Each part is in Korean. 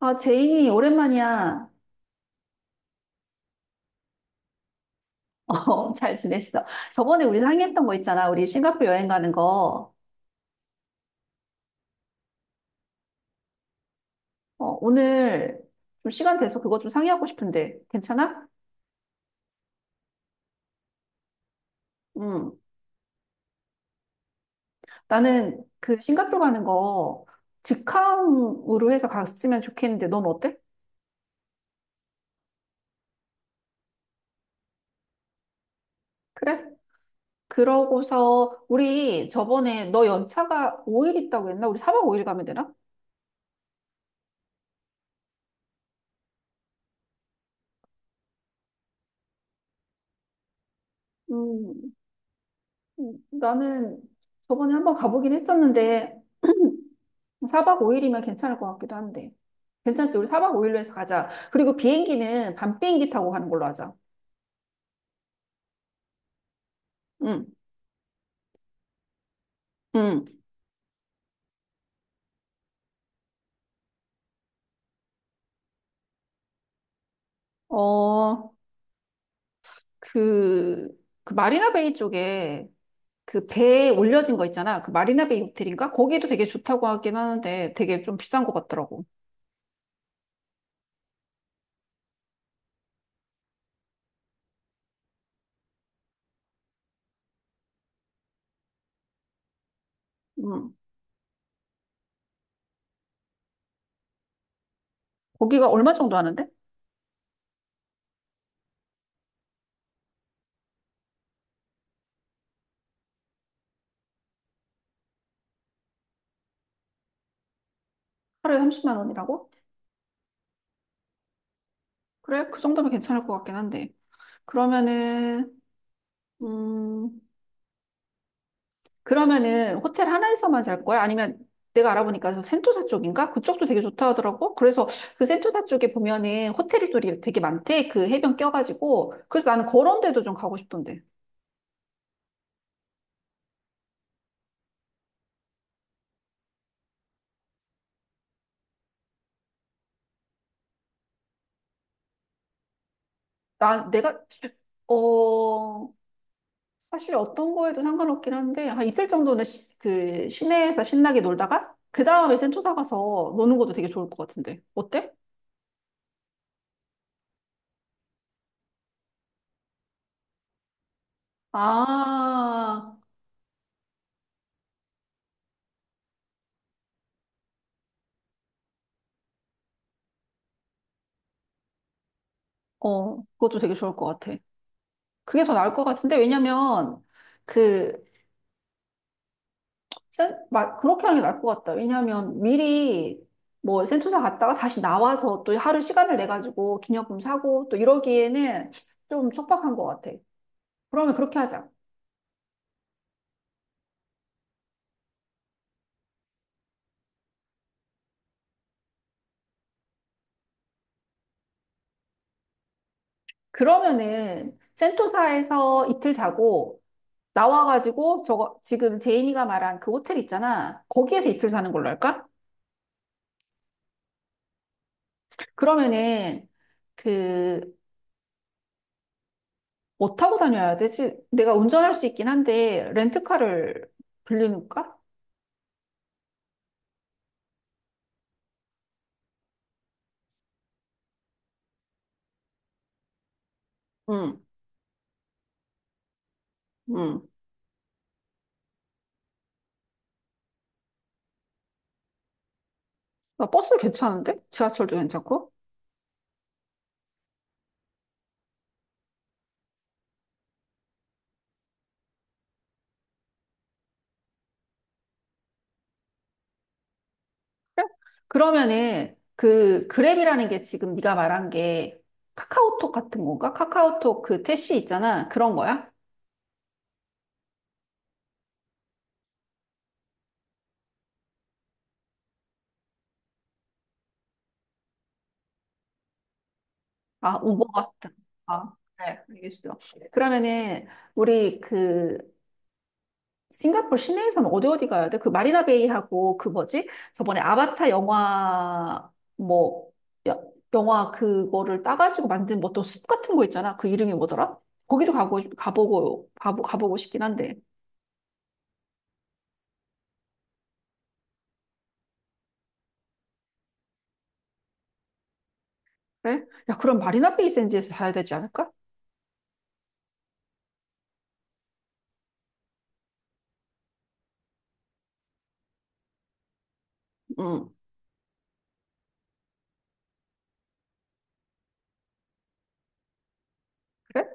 아, 제이 오랜만이야. 어, 잘 지냈어. 저번에 우리 상의했던 거 있잖아. 우리 싱가포르 여행 가는 거. 어, 오늘 좀 시간 돼서 그거 좀 상의하고 싶은데, 괜찮아? 음. 나는 그 싱가포르 가는 거 직항으로 해서 갔으면 좋겠는데, 넌 어때? 그래? 그러고서 우리 저번에 너 연차가 5일 있다고 했나? 우리 4박 5일 가면 되나? 음, 나는 저번에 한번 가보긴 했었는데, 4박 5일이면 괜찮을 것 같기도 한데. 괜찮지? 우리 4박 5일로 해서 가자. 그리고 비행기는 밤 비행기 타고 가는 걸로 하자. 응, 응. 어, 그, 그 마리나 베이 쪽에 그 배에 올려진 거 있잖아. 그 마리나 베이 호텔인가? 거기도 되게 좋다고 하긴 하는데 되게 좀 비싼 것 같더라고. 응. 거기가 얼마 정도 하는데? 하루에 30만 원이라고? 그래? 그 정도면 괜찮을 것 같긴 한데. 그러면은, 음, 그러면은 호텔 하나에서만 잘 거야? 아니면 내가 알아보니까 저 센토사 쪽인가? 그쪽도 되게 좋다 하더라고. 그래서 그 센토사 쪽에 보면은 호텔이 또이 되게 많대. 그 해변 껴가지고. 그래서 나는 그런 데도 좀 가고 싶던데. 내가, 어, 사실 어떤 거에도 상관없긴 한데, 한 이틀 정도는 그 시내에서 신나게 놀다가, 그 다음에 센토사 가서 노는 것도 되게 좋을 것 같은데. 어때? 아, 어, 그것도 되게 좋을 것 같아. 그게 더 나을 것 같은데, 왜냐면, 그, 막 그렇게 하는 게 나을 것 같다. 왜냐하면 미리 뭐 센토사 갔다가 다시 나와서 또 하루 시간을 내 가지고 기념품 사고 또 이러기에는 좀 촉박한 것 같아. 그러면 그렇게 하자. 그러면은 센토사에서 이틀 자고 나와가지고 저거 지금 제이미가 말한 그 호텔 있잖아. 거기에서 이틀 사는 걸로 할까? 그러면은 그 뭐 타고 다녀야 되지? 내가 운전할 수 있긴 한데 렌트카를 빌리는가? 응, 응. 아, 버스 괜찮은데? 지하철도 괜찮고? 그러면은 그 그랩이라는 게 지금 네가 말한 게 카카오톡 같은 건가? 카카오톡 그 택시 있잖아. 그런 거야? 아, 우버 같은. 아, 그래. 알겠어. 그러면은 우리 그 싱가포르 시내에서는 어디 어디 가야 돼? 그 마리나 베이하고 그 뭐지? 저번에 아바타 영화 뭐 여- 영화 그거를 따가지고 만든 뭐 또 숲 같은 거 있잖아. 그 이름이 뭐더라? 거기도 가고 가보고 싶긴 한데. 그래? 야, 그럼 마리나 베이 샌즈에서 사야 되지 않을까? 응, 그래?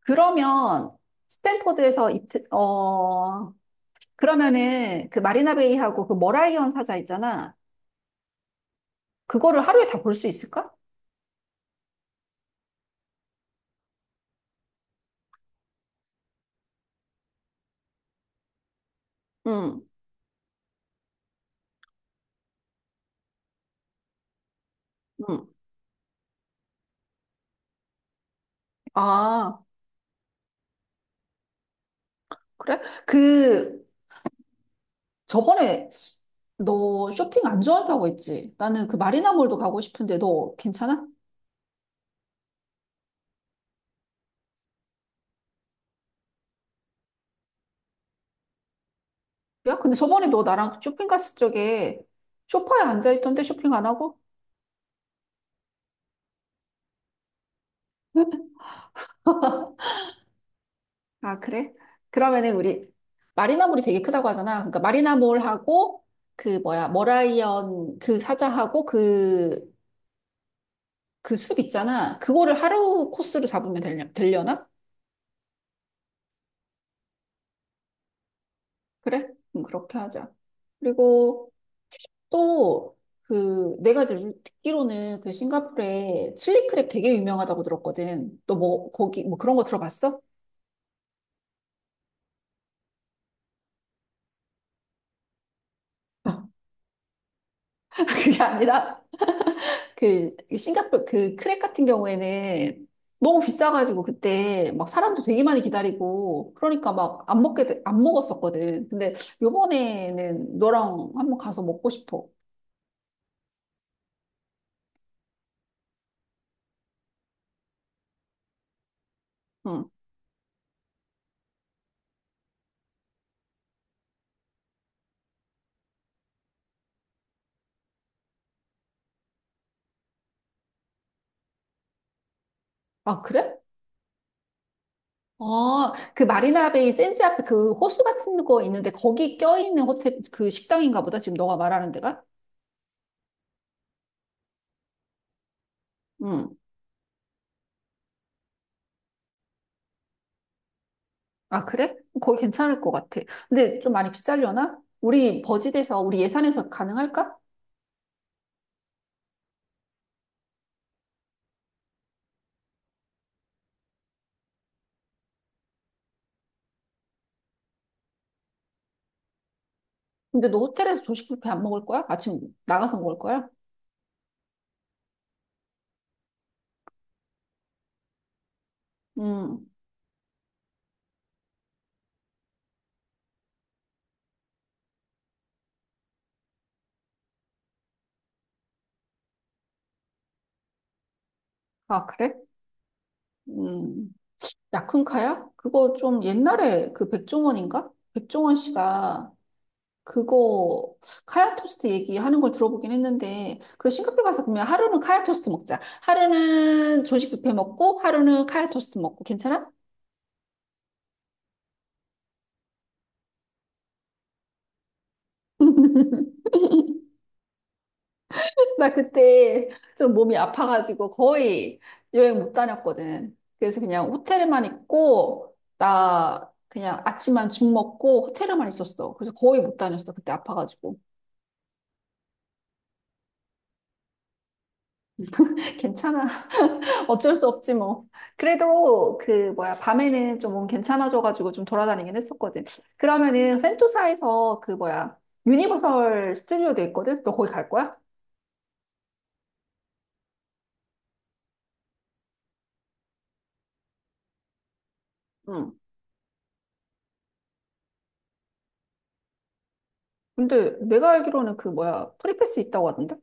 그러면 스탠포드에서 그러면은 그 마리나 베이하고 그 머라이언 사자 있잖아. 그거를 하루에 다 볼 수 있을까? 응, 응. 아, 그래? 그 저번에 너 쇼핑 안 좋아한다고 했지? 나는 그 마리나몰도 가고 싶은데 너 괜찮아? 야, 근데 저번에 너 나랑 쇼핑 갔을 적에 쇼파에 앉아 있던데 쇼핑 안 하고? 아, 그래? 그러면은 우리 마리나몰이 되게 크다고 하잖아. 그러니까 마리나몰하고 그 뭐야, 머라이언 그 사자하고 그 숲 있잖아. 그거를 하루 코스로 잡으면 되려나? 그래? 그렇게 하자. 그리고 또 내가 듣기로는 그 싱가포르에 칠리크랩 되게 유명하다고 들었거든. 너 뭐 거기 뭐 그런 거 들어봤어? 그게 아니라 그 싱가포르 그 크랙 같은 경우에는 너무 비싸가지고 그때 막 사람도 되게 많이 기다리고 그러니까 막 안 먹게 안 먹었었거든. 근데 요번에는 너랑 한번 가서 먹고 싶어. 응. 아, 그래? 아, 그 마리나 베이 샌즈 앞에 그 호수 같은 거 있는데 거기 껴있는 호텔 그 식당인가 보다. 지금 너가 말하는 데가? 응. 아, 그래? 거기 괜찮을 것 같아. 근데 좀 많이 비싸려나? 우리 버짓에서 우리 예산에서 가능할까? 근데 너 호텔에서 조식 뷔페 안 먹을 거야? 아침 나가서 먹을 거야? 음. 아, 그래? 음. 야쿤카야? 그거 좀 옛날에 그 백종원인가? 백종원 씨가 그거 카약 토스트 얘기하는 걸 들어보긴 했는데 그리고 싱가포르 가서 그러면 하루는 카약 토스트 먹자. 하루는 조식 뷔페 먹고 하루는 카약 토스트 먹고 괜찮아? 나 그때 좀 몸이 아파가지고 거의 여행 못 다녔거든. 그래서 그냥 호텔에만 있고, 나 그냥 아침만 죽 먹고 호텔에만 있었어. 그래서 거의 못 다녔어. 그때 아파가지고. 괜찮아. 어쩔 수 없지 뭐. 그래도 그 뭐야, 밤에는 좀 몸 괜찮아져가지고 좀 돌아다니긴 했었거든. 그러면은 센토사에서 그 뭐야, 유니버설 스튜디오도 있거든? 너 거기 갈 거야? 응. 근데 내가 알기로는 그 뭐야, 프리패스 있다고 하던데?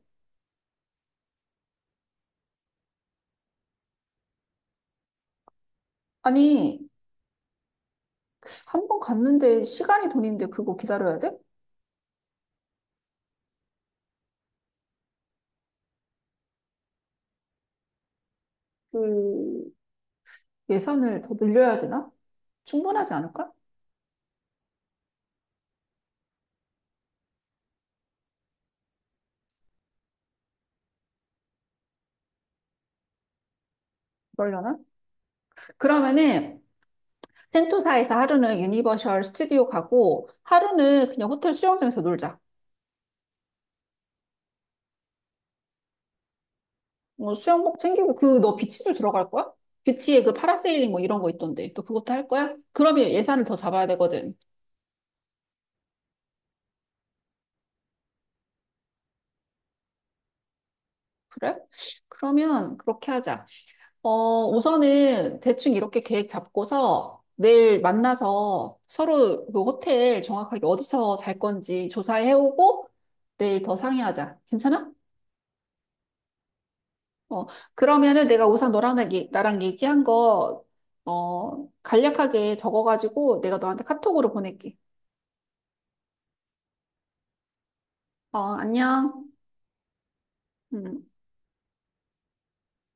아니, 한 번 갔는데 시간이 돈인데 그거 기다려야 돼? 그 예산을 더 늘려야 되나? 충분하지 않을까? 그러려나? 그러면은 텐토사에서 하루는 유니버셜 스튜디오 가고 하루는 그냥 호텔 수영장에서 놀자. 뭐 수영복 챙기고 너 비치도 들어갈 거야? 비치에 그 파라세일링 뭐 이런 거 있던데. 너 그것도 할 거야? 그러면 예산을 더 잡아야 되거든. 그래? 그러면 그렇게 하자. 어, 우선은 대충 이렇게 계획 잡고서 내일 만나서 서로 그 호텔 정확하게 어디서 잘 건지 조사해오고 내일 더 상의하자. 괜찮아? 어, 그러면은 내가 우선 너랑 나랑 얘기한 거, 어, 간략하게 적어가지고 내가 너한테 카톡으로 보낼게. 어, 안녕. 음.